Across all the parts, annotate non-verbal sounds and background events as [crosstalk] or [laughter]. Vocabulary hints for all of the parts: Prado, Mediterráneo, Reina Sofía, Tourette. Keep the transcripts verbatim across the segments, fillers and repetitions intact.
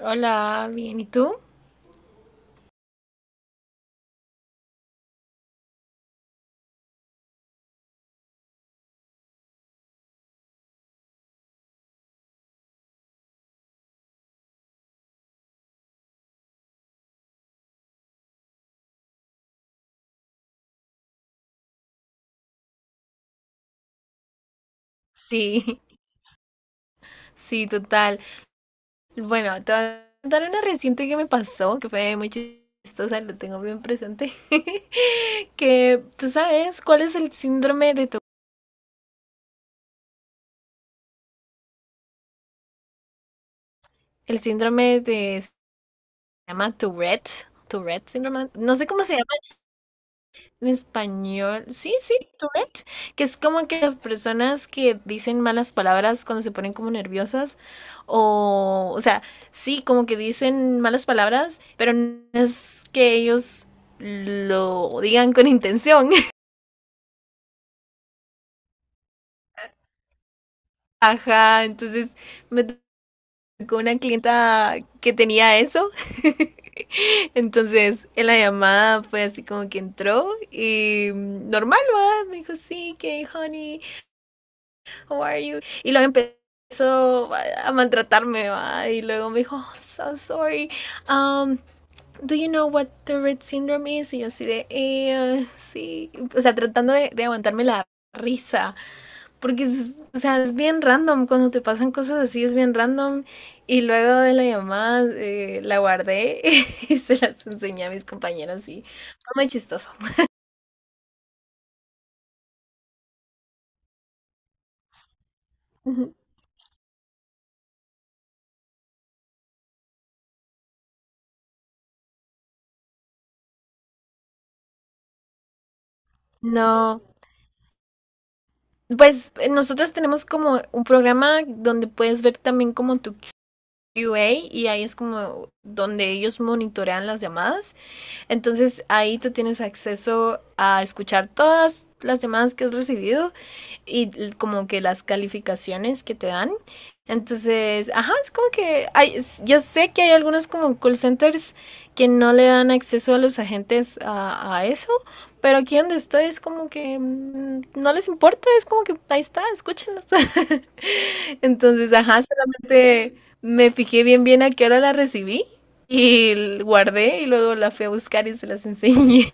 Hola, bien, ¿y tú? Sí, [laughs] sí, total. Bueno, te voy a contar una reciente que me pasó, que fue muy chistosa, lo tengo bien presente, [laughs] que tú sabes cuál es el síndrome de tu, el síndrome de, se llama Tourette, Tourette síndrome, no sé cómo se llama. En español, sí, sí, Tourette, que es como que las personas que dicen malas palabras cuando se ponen como nerviosas, o, o sea, sí, como que dicen malas palabras, pero no es que ellos lo digan con intención. [laughs] Ajá, entonces me tocó una clienta que tenía eso. [laughs] Entonces, en la llamada fue así como que entró y mm, normal, ¿va? Me dijo, sí, que honey, how are you? Y luego empezó a maltratarme, ¿va?, y luego me dijo, oh, so sorry, um, do you know what Tourette syndrome is? Y yo así de, eh, uh, sí, o sea, tratando de, de aguantarme la risa, porque, o sea, es bien random, cuando te pasan cosas así es bien random, y luego de la llamada eh, la guardé [laughs] y se las enseñé a mis compañeros y fue muy chistoso. [laughs] No, pues eh, nosotros tenemos como un programa donde puedes ver también como tu Q A y ahí es como donde ellos monitorean las llamadas. Entonces ahí tú tienes acceso a escuchar todas las llamadas que has recibido y como que las calificaciones que te dan. Entonces, ajá, es como que hay, yo sé que hay algunos como call centers que no le dan acceso a los agentes a, a eso, pero aquí donde estoy es como que mm, no les importa, es como que ahí está, escúchenlos. [laughs] Entonces, ajá, solamente me fijé bien bien a qué hora la recibí y l- guardé y luego la fui a buscar y se las enseñé.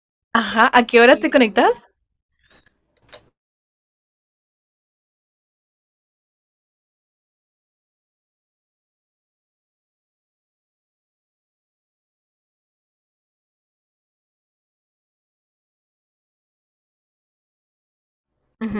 [laughs] Ajá, ¿a qué hora te conectas? Ujú.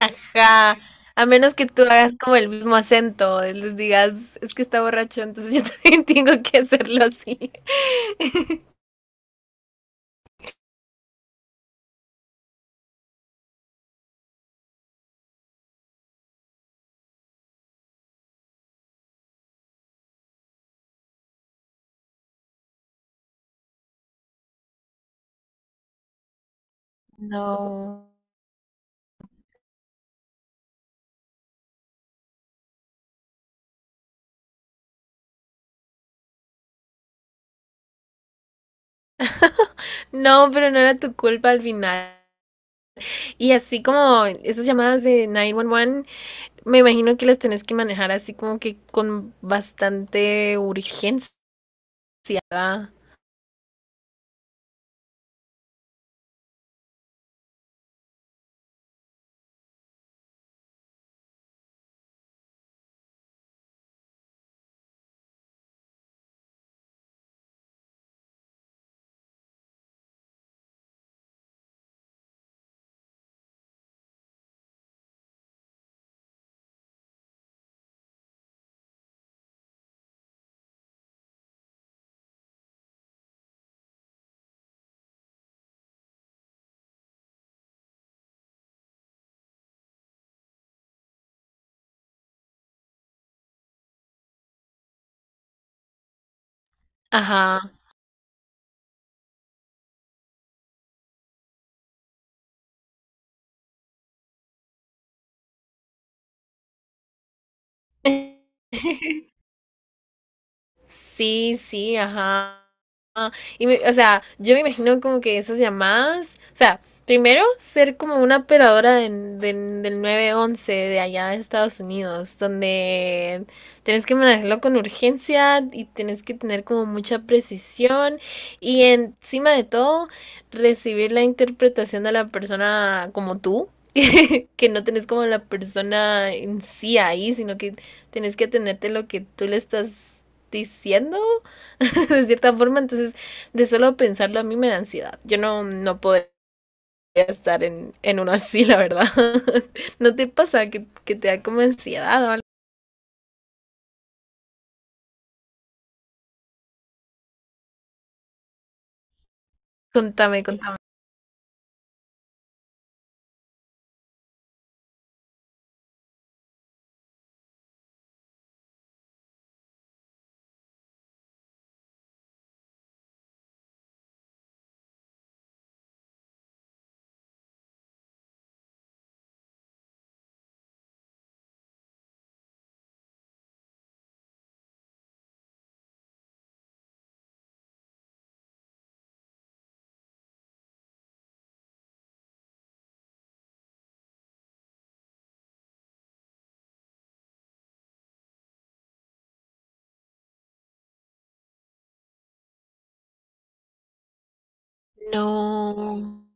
Ajá, a menos que tú hagas como el mismo acento, les digas, es que está borracho, entonces yo [laughs] también tengo que hacerlo así. [laughs] No, no, pero no era tu culpa al final. Y así como esas llamadas de nueve once, me imagino que las tenés que manejar así como que con bastante urgencia, ¿verdad? Ajá, sí, sí, ajá. Y, me- o sea, yo me imagino como que esas llamadas, o sea, primero ser como una operadora de- de- del nueve once de allá de Estados Unidos, donde tenés que manejarlo con urgencia y tenés que tener como mucha precisión y encima de todo recibir la interpretación de la persona como tú, [laughs] que no tenés como la persona en sí ahí, sino que tenés que atenderte lo que tú le estás diciendo [laughs] de cierta forma. Entonces, de solo pensarlo a mí me da ansiedad. Yo no, no podría estar en, en uno así, la verdad. [laughs] ¿No te pasa que, que te da como ansiedad o algo? Contame, contame. No,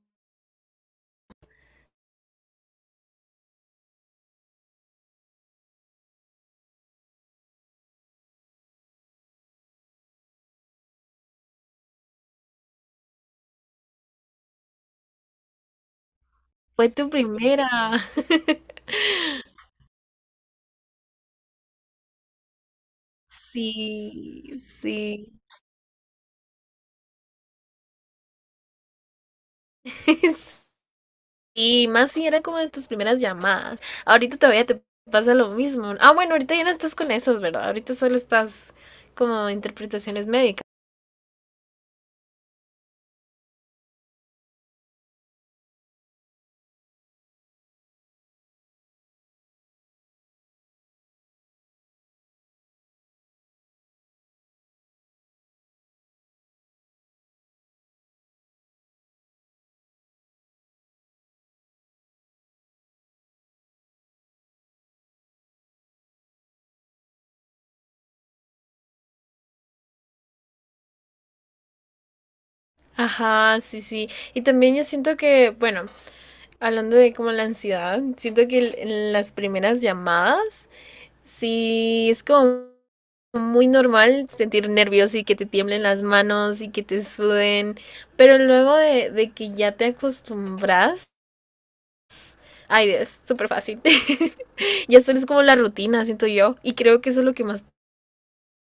fue tu primera. [laughs] Sí, sí. [laughs] Y más si era como de tus primeras llamadas. Ahorita todavía te pasa lo mismo. Ah, bueno, ahorita ya no estás con esas, ¿verdad? Ahorita solo estás como interpretaciones médicas. Ajá, sí, sí. Y también yo siento que, bueno, hablando de como la ansiedad, siento que el- en las primeras llamadas, sí es como muy normal sentir nervios y que te tiemblen las manos y que te suden, pero luego de, de que ya te acostumbras, ay, es súper fácil. [laughs] Ya solo es como la rutina, siento yo, y creo que eso es lo que más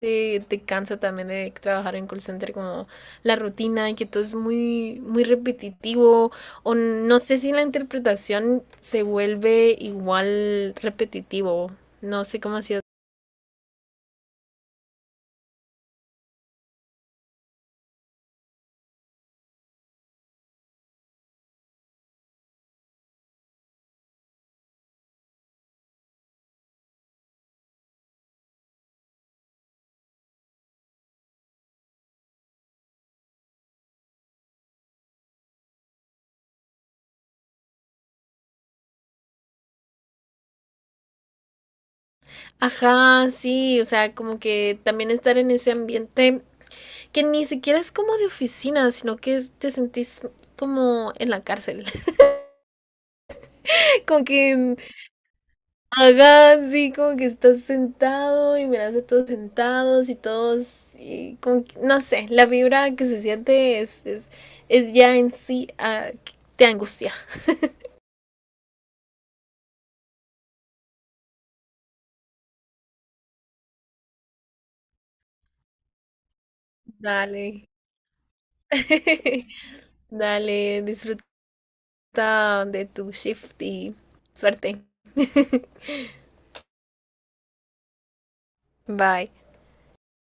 te, te cansa también de trabajar en call center como la rutina y que todo es muy, muy repetitivo o no sé si la interpretación se vuelve igual repetitivo, no sé cómo ha sido. Ajá, sí, o sea, como que también estar en ese ambiente que ni siquiera es como de oficina, sino que es- te sentís como en la cárcel, [laughs] como que ajá, sí, como que estás sentado y miras a todos sentados y todos, y como que- no sé, la vibra que se siente es, es, es ya en sí, ah, que te angustia. Dale, [laughs] dale, disfruta de tu shift y suerte. [laughs] Bye.